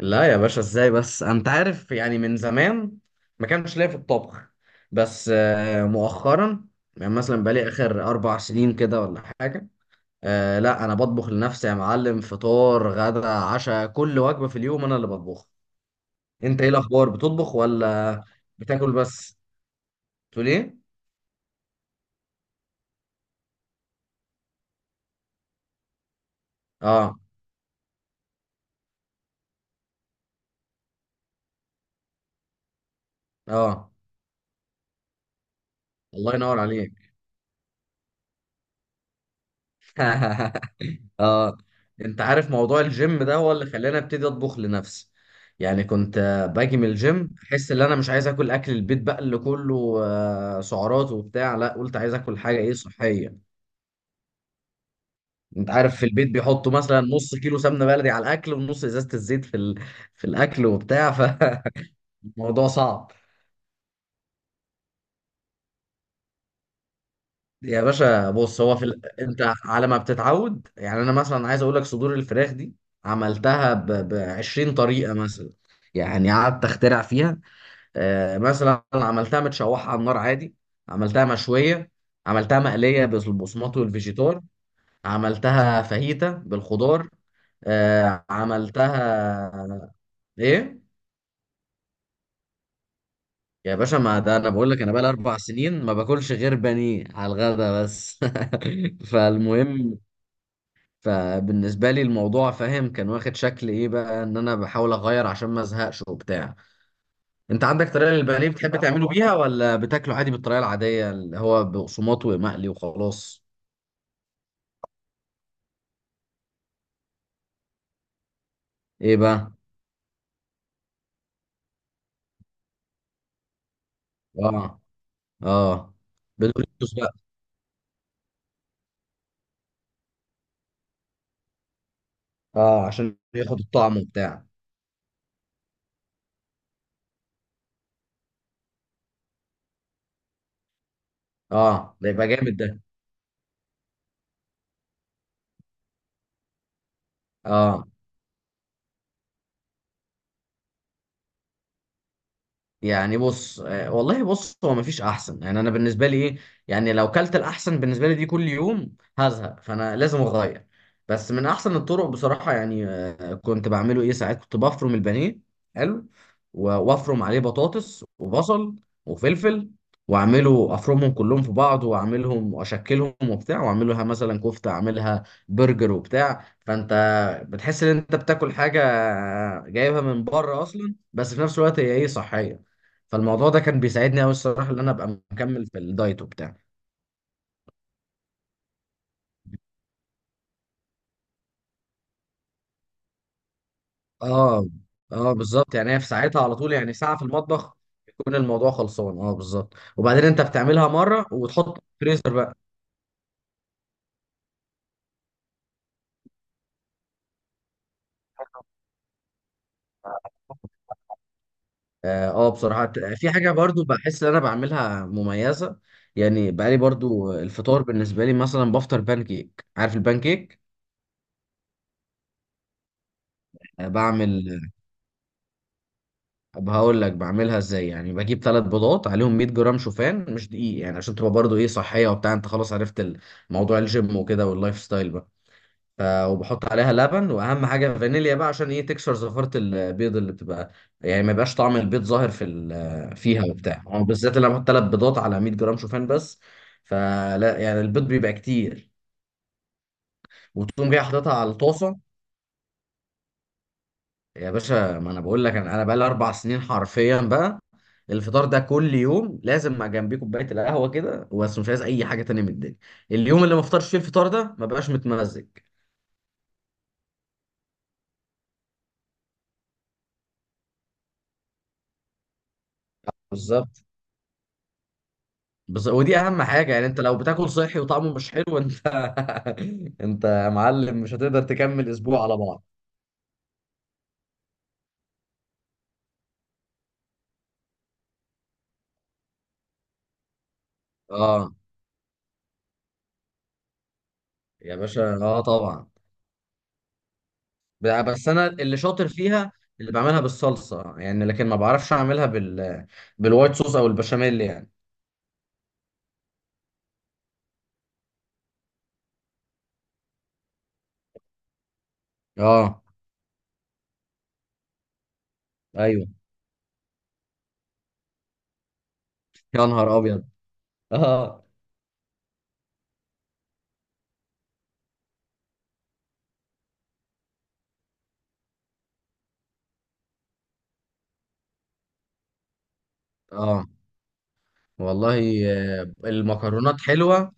لا يا باشا، ازاي؟ بس انت عارف، يعني من زمان ما كانش ليا في الطبخ، بس مؤخرا. يعني مثلا بقالي اخر 4 سنين كده، ولا حاجة. لا، انا بطبخ لنفسي يا معلم. فطار غدا عشاء، كل وجبة في اليوم انا اللي بطبخها. انت ايه الاخبار؟ بتطبخ ولا بتاكل بس؟ تقول ايه؟ اه. اه، الله ينور عليك. اه. انت عارف، موضوع الجيم ده هو اللي خلاني ابتدي اطبخ لنفسي. يعني كنت باجي من الجيم، احس ان انا مش عايز اكل اكل البيت بقى اللي كله سعرات وبتاع. لا، قلت عايز اكل حاجه ايه صحيه. انت عارف، في البيت بيحطوا مثلا نص كيلو سمنه بلدي على الاكل، ونص ازازه الزيت في في الاكل وبتاع. فالموضوع صعب. يا باشا بص، هو في انت على ما بتتعود يعني. انا مثلا عايز اقول لك، صدور الفراخ دي عملتها ب 20 طريقه مثلا. يعني قعدت اخترع فيها. مثلا عملتها متشوحة على النار عادي. عملتها مشوية. عملتها مقلية بالبصمات والفيجيتار. عملتها فاهيتا بالخضار. عملتها. ايه؟ يا باشا، ما ده انا بقول لك انا بقالي 4 سنين ما باكلش غير بانيه على الغدا بس. فالمهم. فبالنسبة لي الموضوع فاهم كان واخد شكل ايه بقى، ان انا بحاول اغير عشان ما ازهقش وبتاع. انت عندك طريقه للبانيه بتحب تعمله بيها، ولا بتاكله عادي بالطريقه العاديه اللي هو بقسماط ومقلي وخلاص؟ ايه بقى؟ اه. اه، بدوريتوس بقى. اه، عشان ياخد الطعم وبتاع. اه، ده يبقى جامد ده. اه. يعني بص، والله بص، هو مفيش احسن يعني انا بالنسبه لي. ايه؟ يعني لو كلت الاحسن بالنسبه لي دي كل يوم هزهق، فانا لازم اغير. بس من احسن الطرق بصراحه، يعني كنت بعمله ايه ساعات. كنت بفرم البانيه. حلو. و- وافرم عليه بطاطس وبصل وفلفل. واعمله، افرمهم كلهم في بعض، واعملهم واشكلهم وبتاع، واعملها مثلا كفته، اعملها برجر وبتاع. فانت بتحس ان انت بتاكل حاجه جايبها من بره اصلا، بس في نفس الوقت هي ايه صحيه. فالموضوع ده كان بيساعدني قوي الصراحه، ان انا ابقى مكمل في الدايت وبتاع. اه. اه بالظبط، يعني هي في ساعتها على طول، يعني ساعه في المطبخ يكون الموضوع خلصان. اه بالظبط، وبعدين انت بتعملها مره وتحط في الفريزر بقى. اه. بصراحه، في حاجه برضو بحس ان انا بعملها مميزه. يعني بقالي برضو، الفطار بالنسبه لي مثلا بفطر بان كيك. عارف البان كيك؟ بعمل. طب هقول لك بعملها ازاي. يعني بجيب ثلاث بيضات عليهم 100 جرام شوفان، مش دقيق يعني عشان تبقى برضو ايه صحيه وبتاع. انت خلاص عرفت موضوع الجيم وكده واللايف ستايل بقى. وبحط عليها لبن، واهم حاجه فانيليا بقى عشان ايه تكسر زفاره البيض اللي بتبقى. يعني ما يبقاش طعم البيض ظاهر في فيها وبتاع. أو بالذات لما احط ثلاث بيضات على 100 جرام شوفان بس. فلا يعني البيض بيبقى كتير. وتقوم جاي حاططها على الطاسه. يا باشا، ما انا بقول لك، انا بقى لي 4 سنين حرفيا بقى. الفطار ده كل يوم لازم مع جنبيه كوبايه القهوه كده، بس مش عايز اي حاجه تانية من الدنيا. اليوم اللي ما افطرش فيه الفطار ده ما بقاش متمزج. بالظبط. بس ودي اهم حاجه، يعني انت لو بتاكل صحي وطعمه مش حلو، انت انت يا معلم مش هتقدر تكمل اسبوع على بعض. اه. يا باشا اه طبعا. بس انا اللي شاطر فيها اللي بعملها بالصلصه يعني، لكن ما بعرفش اعملها بالوايت صوص او البشاميل يعني. اه. ايوه. يا نهار ابيض. اه. اه والله. المكرونات حلوة.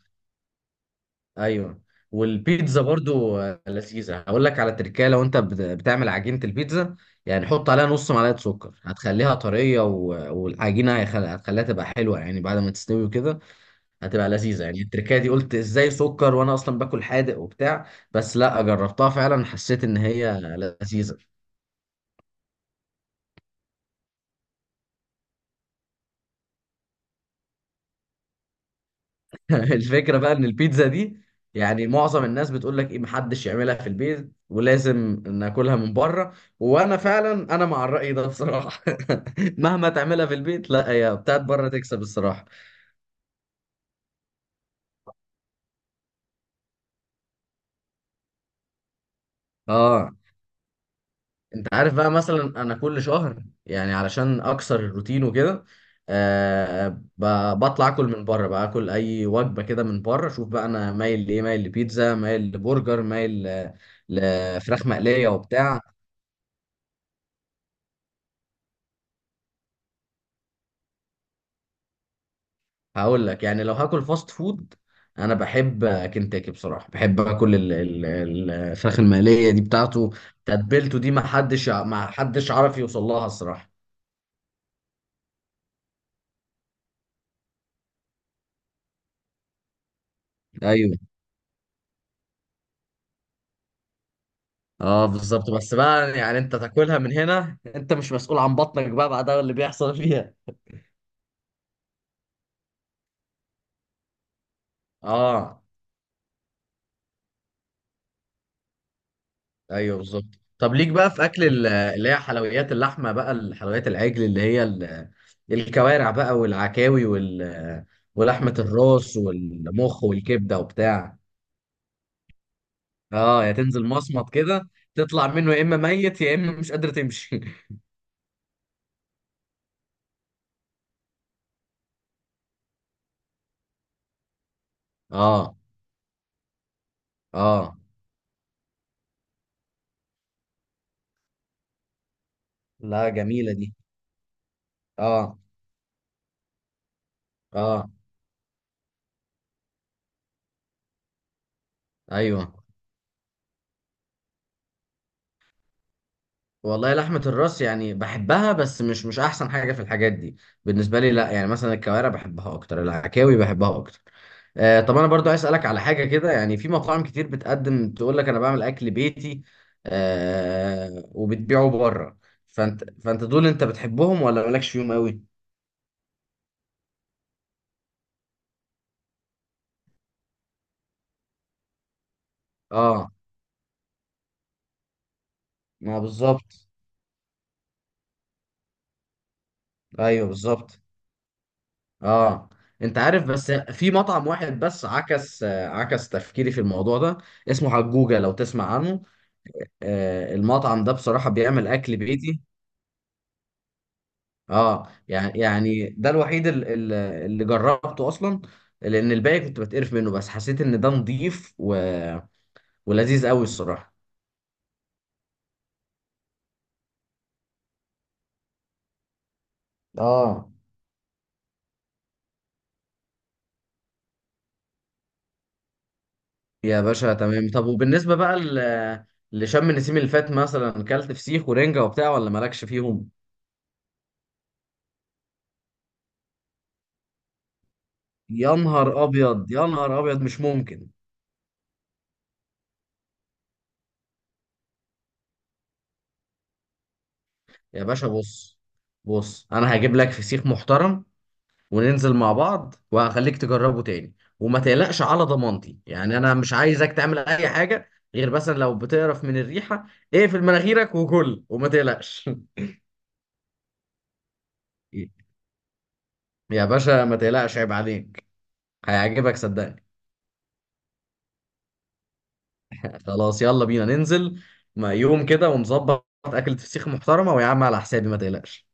ايوه. والبيتزا برضو لذيذة. هقول لك على تركاية، لو انت بتعمل عجينة البيتزا، يعني حط عليها نص معلقة سكر، هتخليها طرية. و- والعجينة هتخليها تبقى حلوة يعني بعد ما تستوي وكده. هتبقى لذيذة. يعني التركاية دي قلت ازاي سكر؟ وانا اصلا باكل حادق وبتاع. بس لا، جربتها فعلا حسيت ان هي لذيذة. الفكرة بقى ان البيتزا دي، يعني معظم الناس بتقول لك ايه، محدش يعملها في البيت ولازم ناكلها من بره. وانا فعلا انا مع الرأي ده بصراحة. مهما تعملها في البيت، لا، هي بتاعت بره تكسب الصراحة. اه. انت عارف بقى، مثلا انا كل شهر يعني علشان اكسر الروتين وكده آه بطلع اكل من بره بقى، اكل اي وجبة كده من بره. شوف بقى انا مايل لايه، مايل لبيتزا، مايل لبرجر، مايل لفراخ مقلية وبتاع. هقول لك، يعني لو هاكل فاست فود، انا بحب كنتاكي بصراحه. بحب اكل الفراخ المقليه دي بتاعته. تتبيلته دي ما حدش عارف يوصل لها الصراحه. ايوه. اه بالظبط. بس بقى يعني انت تاكلها من هنا، انت مش مسؤول عن بطنك بقى بعدها اللي بيحصل فيها. اه، ايوه بالظبط. طب ليك بقى في اكل اللي هي حلويات اللحمه بقى، الحلويات العجل، اللي هي الكوارع بقى والعكاوي ولحمه الراس والمخ والكبده وبتاع؟ اه، يا تنزل مصمت كده تطلع منه، يا اما ميت يا اما مش قادر تمشي. اه. اه، لا، جميله دي. اه. اه. ايوه والله، لحمه الراس يعني بحبها بس مش احسن حاجه في الحاجات دي. بالنسبه لي لا، يعني مثلا الكوارع بحبها اكتر، العكاوي بحبها اكتر. طب انا برضو عايز اسالك على حاجه كده. يعني في مطاعم كتير بتقدم تقول لك انا بعمل اكل بيتي وبتبيعه بره. فانت دول، انت بتحبهم ولا مالكش فيهم قوي؟ اه. ما بالظبط. ايوه بالظبط. اه. انت عارف، بس في مطعم واحد بس عكس عكس تفكيري في الموضوع ده. اسمه حجوجة، لو تسمع عنه. المطعم ده بصراحة بيعمل اكل بيتي. اه. يعني ده الوحيد اللي جربته اصلا. لان الباقي كنت بتقرف منه، بس حسيت ان ده نضيف و... ولذيذ قوي الصراحة. اه يا باشا تمام. طب وبالنسبة بقى لشم النسيم اللي فات، مثلا كلت فسيخ ورنجة وبتاع ولا مالكش فيهم؟ يا نهار ابيض، يا نهار ابيض، مش ممكن. يا باشا، بص بص، انا هجيب لك فسيخ محترم. وننزل مع بعض وهخليك تجربه تاني، وما تقلقش على ضمانتي. يعني انا مش عايزك تعمل اي حاجه غير مثلا لو بتقرف من الريحه، اقفل مناخيرك وكل وما تقلقش. يا باشا ما تقلقش، عيب عليك. هيعجبك، صدقني. خلاص، يلا بينا ننزل. ما يوم كده ونظبط اكلة فسيخ محترمه، ويا عم على حسابي، ما تقلقش.